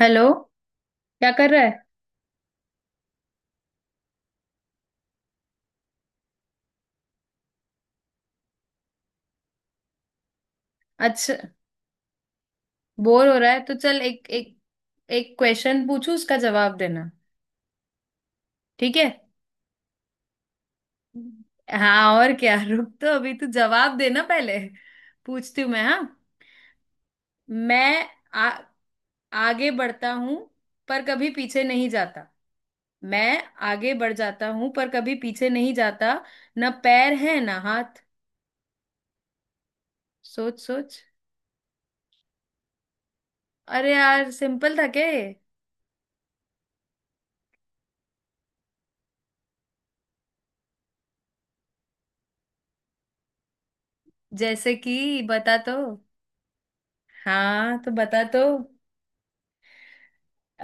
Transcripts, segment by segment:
Hello. क्या कर रहा है? अच्छा, बोर हो रहा है तो चल एक एक एक क्वेश्चन पूछू, उसका जवाब देना। ठीक है। हाँ और क्या। रुक, तो अभी तू जवाब देना पहले। पूछती हूँ मैं, हाँ। मैं आगे बढ़ता हूँ पर कभी पीछे नहीं जाता। मैं आगे बढ़ जाता हूँ पर कभी पीछे नहीं जाता। ना पैर है ना हाथ। सोच सोच। अरे यार, सिंपल था क्या ये? जैसे कि बता तो। हाँ तो बता तो।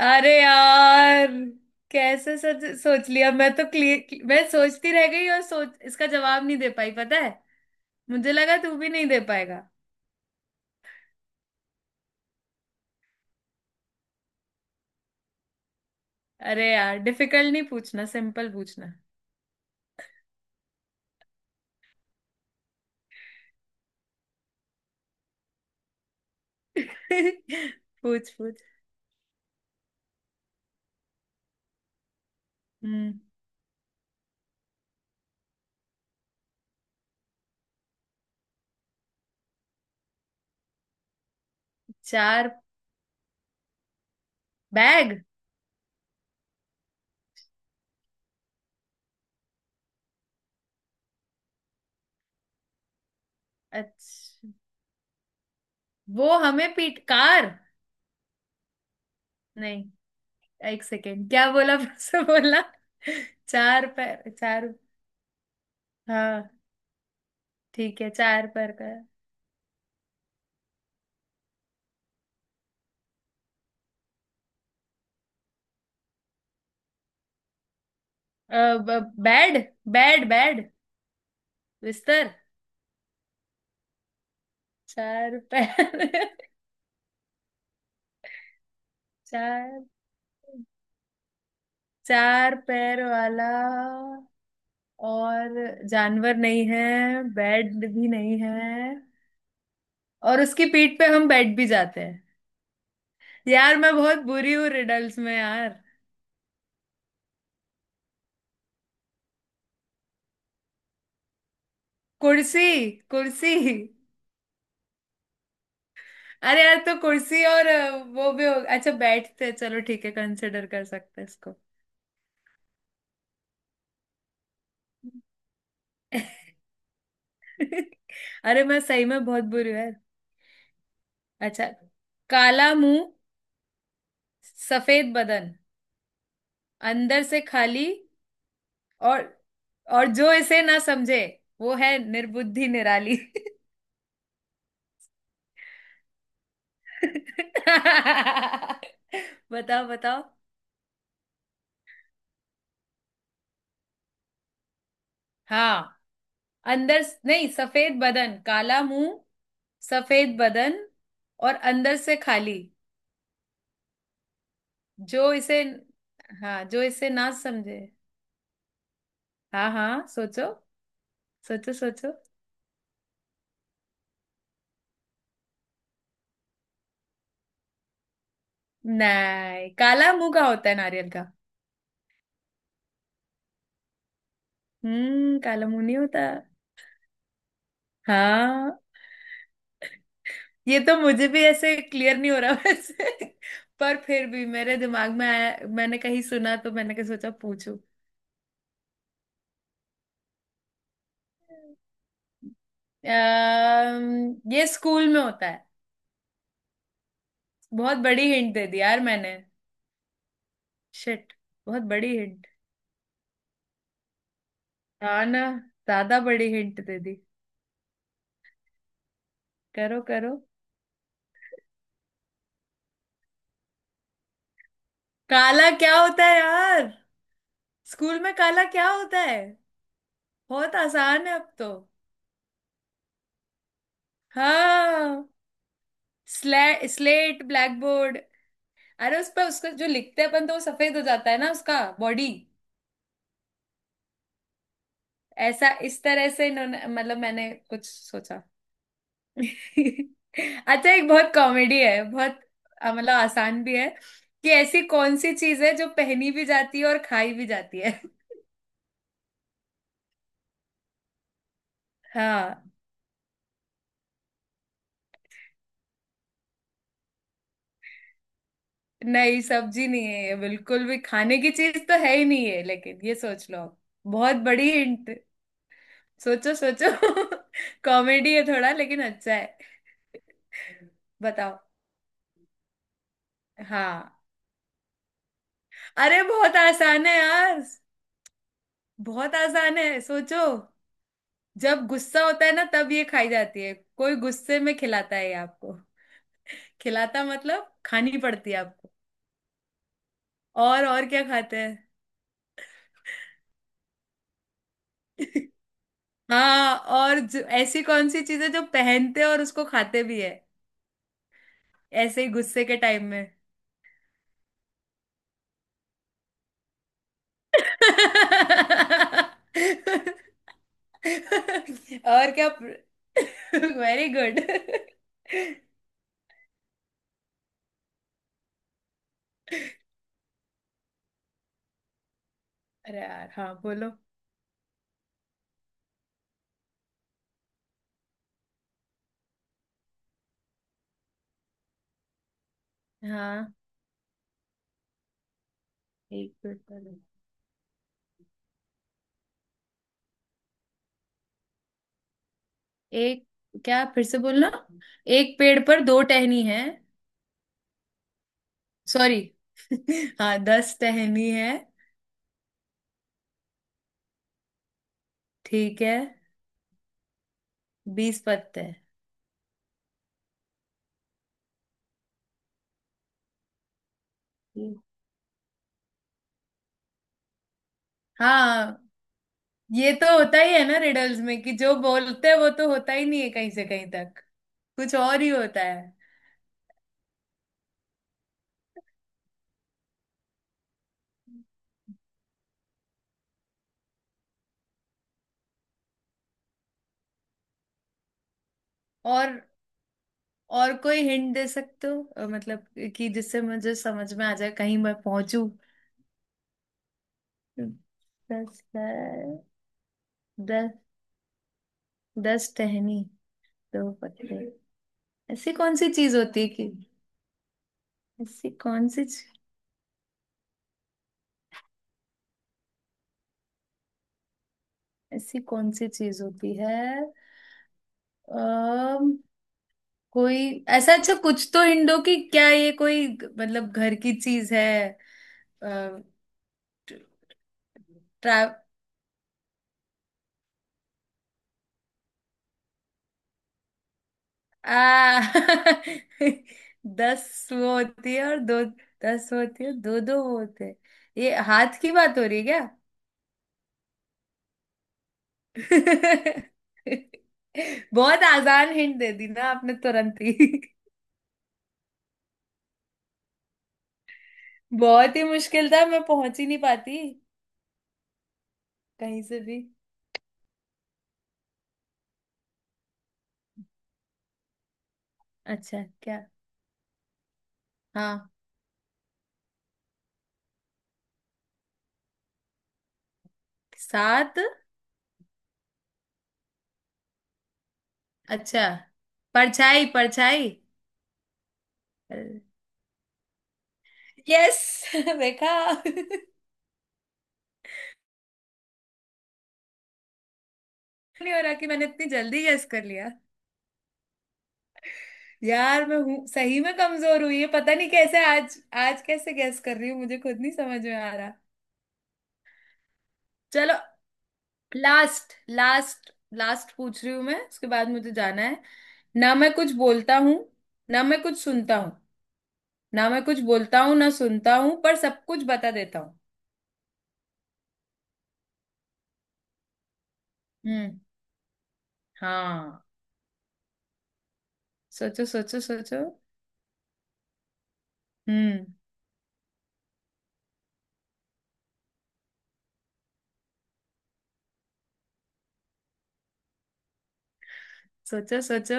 अरे यार, कैसे सच सोच लिया। मैं तो क्लियर, मैं सोचती रह गई और सोच इसका जवाब नहीं दे पाई, पता है। मुझे लगा तू भी नहीं दे पाएगा। अरे यार, डिफिकल्ट नहीं पूछना, सिंपल पूछना। पूछ पूछ। हम्म। चार। बैग। अच्छा, वो हमें पीट कार। नहीं। एक सेकेंड, क्या बोला? फिर से बोला। चार पैर, चार। हाँ। ठीक है, चार पैर का। बेड। बेड। बिस्तर। चार पैर। चार, चार पैर वाला, और जानवर नहीं है, बेड भी नहीं है, और उसकी पीठ पे हम बैठ भी जाते हैं। यार मैं बहुत बुरी हूँ रिडल्स में यार। कुर्सी कुर्सी। अरे यार तो कुर्सी और वो भी हो। अच्छा बैठते हैं, चलो ठीक है, कंसिडर कर सकते हैं इसको। अरे मैं सही में बहुत बुरी हूँ यार। अच्छा। काला मुंह, सफेद बदन, अंदर से खाली, और और जो इसे ना समझे, वो है निर्बुद्धि निराली। बताओ बताओ। हाँ। नहीं, सफेद बदन काला मुंह। सफेद बदन, और अंदर से खाली। जो इसे। हाँ, जो इसे ना समझे। हाँ हाँ, सोचो सोचो सोचो। नहीं, काला मुंह का होता है नारियल का? हम्म, काला मुंह नहीं होता। हाँ, ये तो मुझे भी ऐसे क्लियर नहीं हो रहा वैसे। पर फिर भी मेरे दिमाग में आया, मैंने कहीं सुना तो मैंने कहा, सोचा पूछूं। ये स्कूल में होता है। बहुत बड़ी हिंट दे दी यार मैंने। शिट, बहुत बड़ी हिंट। हाँ ना, ज्यादा बड़ी हिंट दे दी। करो करो। काला क्या होता है यार? स्कूल में काला क्या होता है? बहुत आसान है अब तो। हाँ। स्ले स्लेट ब्लैक बोर्ड। अरे उस पर उसका जो लिखते हैं अपन तो वो सफेद हो जाता है ना उसका। बॉडी। ऐसा, इस तरह से इन्होंने मतलब मैंने कुछ सोचा। अच्छा, एक बहुत कॉमेडी है बहुत। मतलब आसान भी है। कि ऐसी कौन सी चीज है जो पहनी भी जाती है और खाई भी जाती है। हाँ। नहीं, सब्जी नहीं है ये, बिल्कुल भी खाने की चीज तो है ही नहीं है, लेकिन ये सोच लो आप। बहुत बड़ी हिंट। सोचो सोचो। कॉमेडी है थोड़ा, लेकिन अच्छा है। बताओ। हाँ। अरे बहुत आसान है यार। बहुत आसान है, सोचो। जब गुस्सा होता है ना तब ये खाई जाती है। कोई गुस्से में खिलाता है ये आपको। खिलाता मतलब खानी पड़ती है आपको। और क्या खाते हैं? हाँ, और जो, ऐसी कौन सी चीज है जो पहनते हैं और उसको खाते भी है। ऐसे ही गुस्से के टाइम में। और। क्या? Very good. अरे यार हाँ, बोलो। हाँ। एक मिनट। एक, क्या? फिर से बोलना। एक पेड़ पर दो टहनी है। सॉरी। हाँ, 10 टहनी है। ठीक है। 20 पत्ते हैं। हाँ, ये तो होता ही है ना रिडल्स में, कि जो बोलते हैं वो तो होता ही नहीं है कहीं से कहीं तक। कुछ और ही होता है। और और कोई हिंट दे सकते हो? मतलब कि जिससे मुझे समझ में आ जाए, कहीं मैं पहुंचू। दस, 10। 10 टहनी, 2 पत्ते। ऐसी कौन सी चीज होती है कि। ऐसी कौन सी। ऐसी कौन सी चीज होती है। अम कोई। ऐसा अच्छा कुछ तो हिंट दो, कि क्या ये कोई मतलब घर की चीज है? अ, ट्रा आ। 10 वो होती है और 2। 10 होती है, दो दो वो होते हैं। ये हाथ की बात हो रही है? क्या। बहुत आसान हिंट दे दी ना आपने तुरंत ही। बहुत ही मुश्किल था, मैं पहुंच ही नहीं पाती। कहीं से भी। अच्छा, क्या? हाँ। 7। अच्छा। परछाई परछाई। अरे, यस। देखा। नहीं हो रहा कि मैंने इतनी जल्दी गेस कर लिया। यार मैं हूँ सही में कमजोर, हुई है पता नहीं कैसे आज। आज कैसे गेस कर रही हूँ मुझे खुद नहीं समझ में आ रहा। चलो। लास्ट लास्ट, लास्ट पूछ रही हूँ मैं, उसके बाद मुझे जाना है। ना मैं कुछ बोलता हूँ, ना मैं कुछ सुनता हूँ। ना मैं कुछ बोलता हूँ ना सुनता हूँ, पर सब कुछ बता देता हूँ। हम्म। हाँ, सोचो सोचो सोचो। हम्म। सोचो सोचो।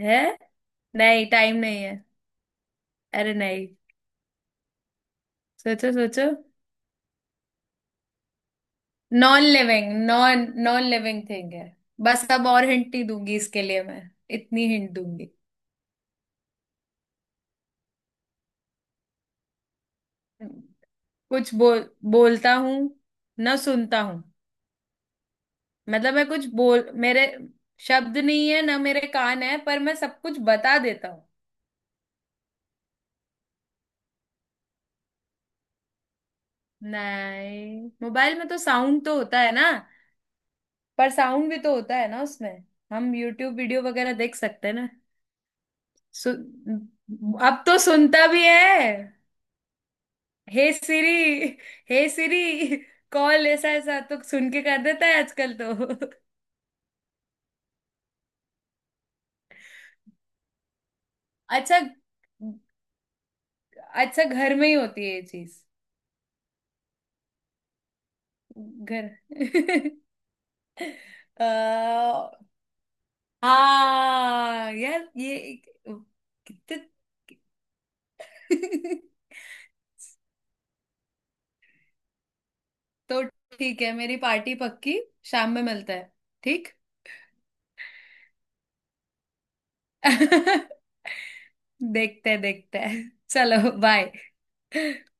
है। नहीं, टाइम नहीं है। अरे नहीं। सोचो सोचो। Non living, non non living thing है। बस, अब और हिंट ही दूंगी इसके लिए मैं। इतनी हिंट दूंगी। कुछ बोल, बोलता हूँ ना सुनता हूँ, मतलब मैं कुछ बोल, मेरे शब्द नहीं है ना मेरे कान है, पर मैं सब कुछ बता देता हूँ। नहीं, मोबाइल में तो साउंड तो होता है ना। पर साउंड भी तो होता है ना उसमें। हम यूट्यूब वीडियो वगैरह देख सकते हैं ना। सु... अब तो सुनता भी है। हे सिरी, हे सिरी। कॉल ऐसा ऐसा तो सुन के कर देता है आजकल तो। अच्छा। अच्छा, घर में ही होती है ये चीज। घर। अ, हाँ यार ये। कितने। तो ठीक है, मेरी पार्टी पक्की। शाम में मिलता है। ठीक। देखते हैं देखते हैं, चलो बाय।